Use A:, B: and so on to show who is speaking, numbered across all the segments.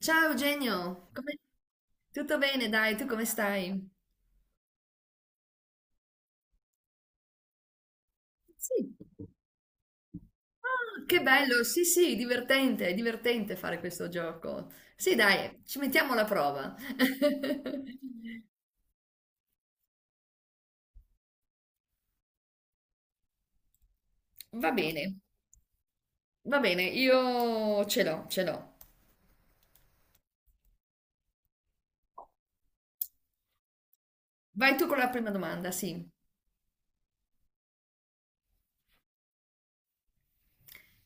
A: Ciao Eugenio, come- tutto bene? Dai, tu come stai? Sì. Ah, che bello, sì, sì, divertente, è divertente fare questo gioco. Sì, dai, ci mettiamo alla prova. Va bene, va bene, io ce l'ho, ce l'ho. Vai tu con la prima domanda, sì.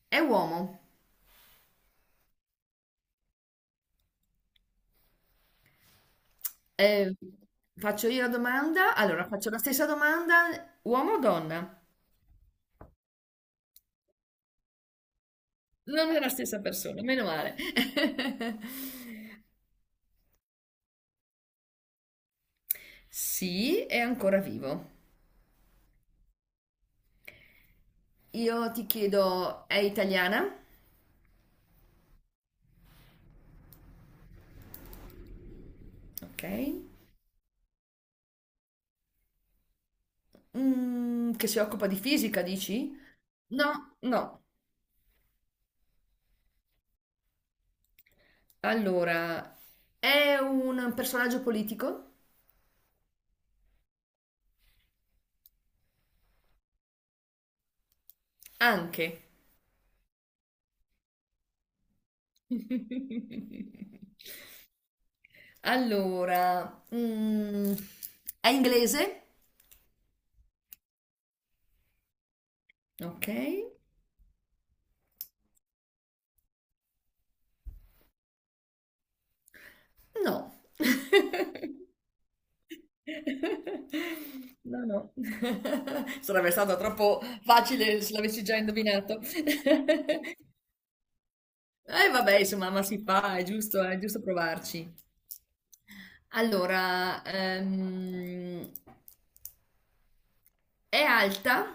A: È uomo. Eh, faccio io la domanda, allora faccio la stessa domanda, uomo o donna? Non è la stessa persona, meno male. Sì, è ancora vivo. Io ti chiedo, è italiana? Ok. Mm, che si occupa di fisica, dici? No, no. Allora, è un personaggio politico? Anche. Allora, è inglese? Ok. No. No, no. Sarebbe stato troppo facile se l'avessi già indovinato. Eh vabbè, insomma, ma si fa, è giusto provarci. Allora, è alta?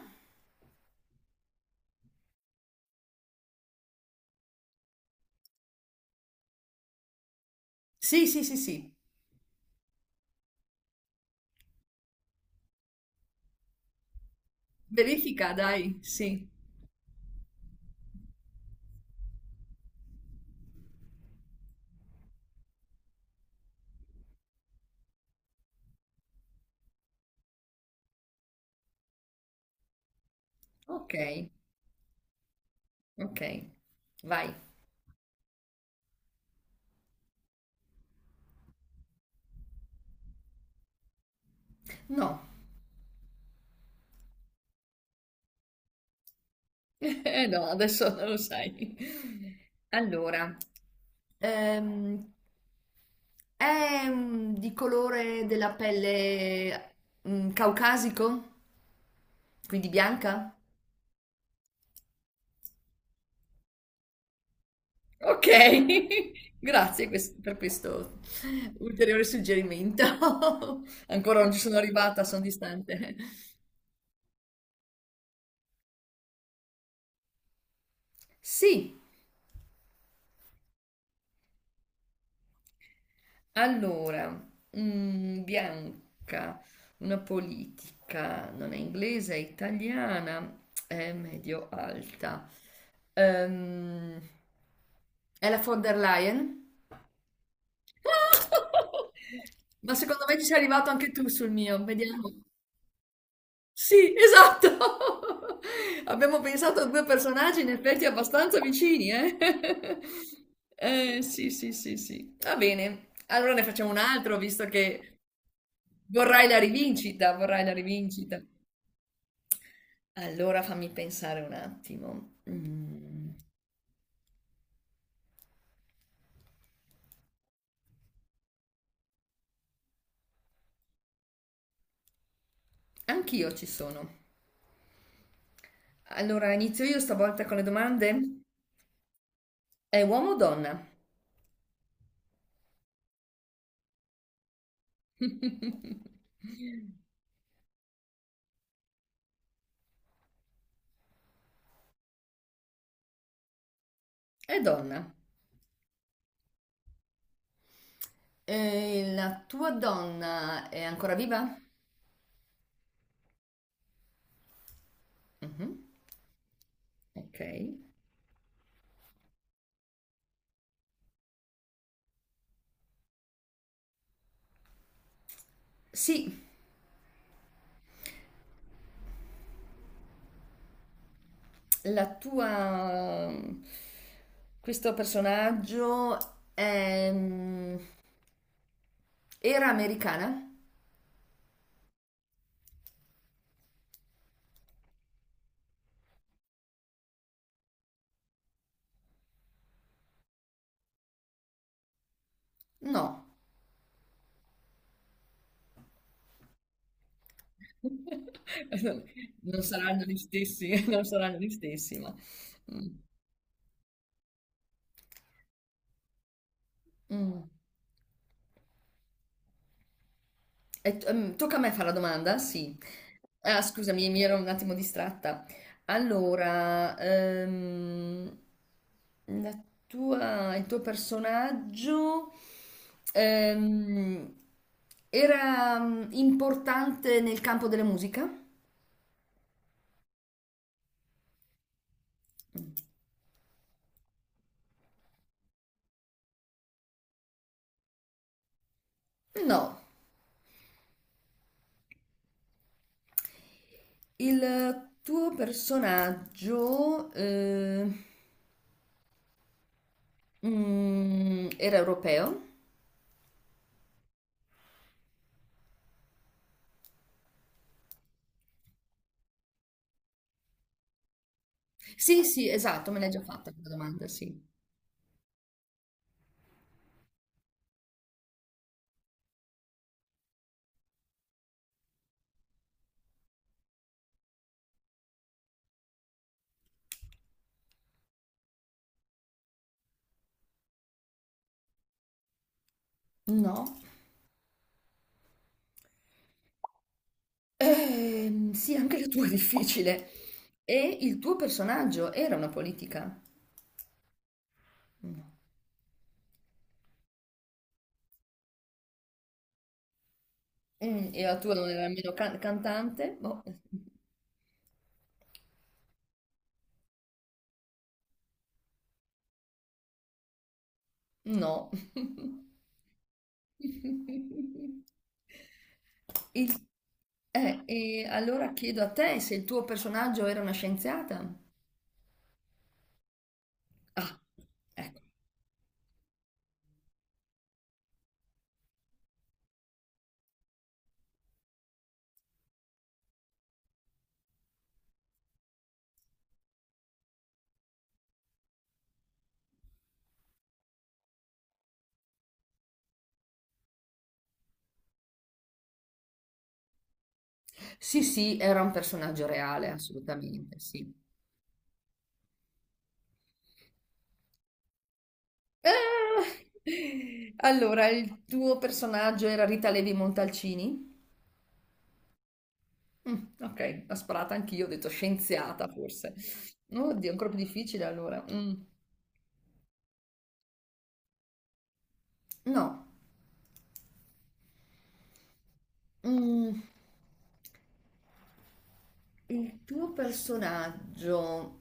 A: Sì, sì, sì, sì. Verifica, dai, sì. Ok, ok, vai. No, no, adesso non lo sai. Allora, ehm, è di colore della pelle caucasico? Quindi bianca? Ok, grazie quest- per questo ulteriore suggerimento. Ancora non ci sono arrivata, sono distante. Sì, allora, bianca, una politica, non è inglese, è italiana, è medio alta. Ehm, è la von der Leyen? Ma secondo me ci sei arrivato anche tu sul mio, vediamo. Sì, esatto. Abbiamo pensato a 2 personaggi in effetti abbastanza vicini, eh? Sì, sì, sì, sì. Va bene. Allora ne facciamo un altro, visto che vorrai la rivincita, vorrai la rivincita. Allora fammi pensare un attimo. Mm, anch'io ci sono. Allora inizio io stavolta con le domande. È uomo o donna? È donna. E la tua donna è ancora viva? Mhm, ok. Sì, la tua... Questo personaggio è... era americana? No. Non saranno gli stessi, non saranno gli stessi, ma... Mm. Mm. E t- tocca a me fare la domanda? Sì. Ah, scusami, mi ero un attimo distratta. Allora, la tua- il tuo personaggio ehm, era importante nel campo della musica? No, il tuo personaggio era europeo? Sì, sì, esatto, me l'hai già fatta quella domanda, sì. No. Sì, anche la tua è difficile. E il tuo personaggio era una politica? No. Mm, e la tua non era nemmeno can- cantante? Boh, no. Il- e allora chiedo a te se il tuo personaggio era una scienziata? Ah, ecco. Sì, sì, era un personaggio reale, assolutamente, sì. Ah! Allora, il tuo personaggio era Rita Levi Montalcini? Mm, ok, l'ho sparata anch'io, ho detto scienziata forse. Oddio, ancora più difficile allora. Mm, no. Mm, il tuo personaggio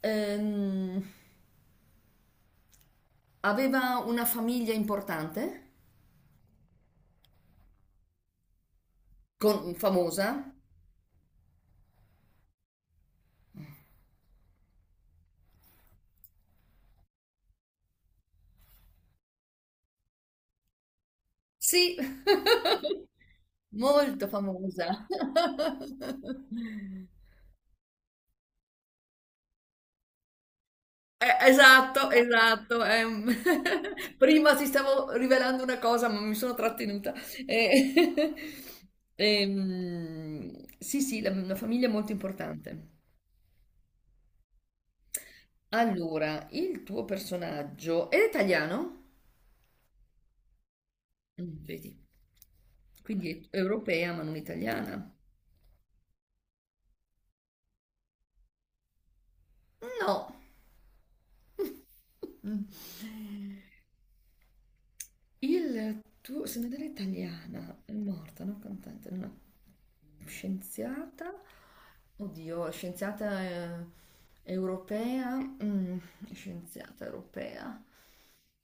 A: ehm, aveva una famiglia importante? Con- famosa? Sì, molto famosa. Esatto, esatto. Prima ti stavo rivelando una cosa, ma mi sono trattenuta. Eh, sì, sì, la famiglia è molto importante. Allora, il tuo personaggio è italiano? Mm, vedi, quindi è europea ma non italiana? No. Mm. Il tuo, se non era italiana, è morta, non cantante, una scienziata, oddio, scienziata europea, mm, scienziata europea,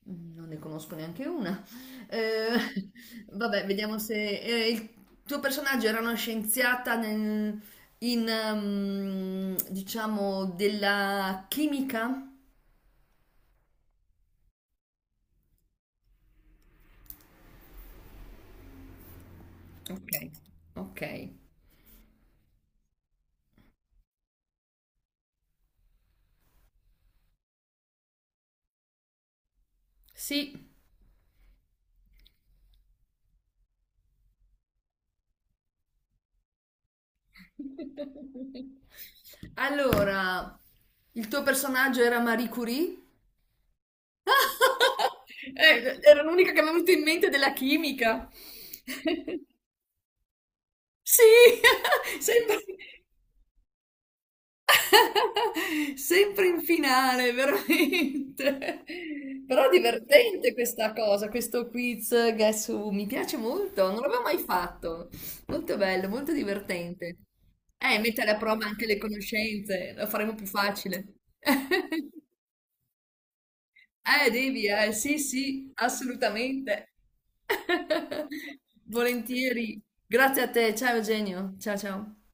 A: mm, non ne conosco neanche una. Eh, vabbè, vediamo se il tuo personaggio era una scienziata nel- in, diciamo, della chimica. Ok, ok, sì. Allora, il tuo personaggio era Marie Curie? Era l'unica che mi è venuta in mente della chimica. Sì, sembra. Sempre in finale, veramente. Però divertente questa cosa, questo quiz Guess Who. Mi piace molto, non l'avevo mai fatto. Molto bello, molto divertente. Mettere a prova anche le conoscenze, lo faremo più facile. Devi, sì, sì, assolutamente. Volentieri. Grazie a te, ciao Eugenio. Ciao, ciao.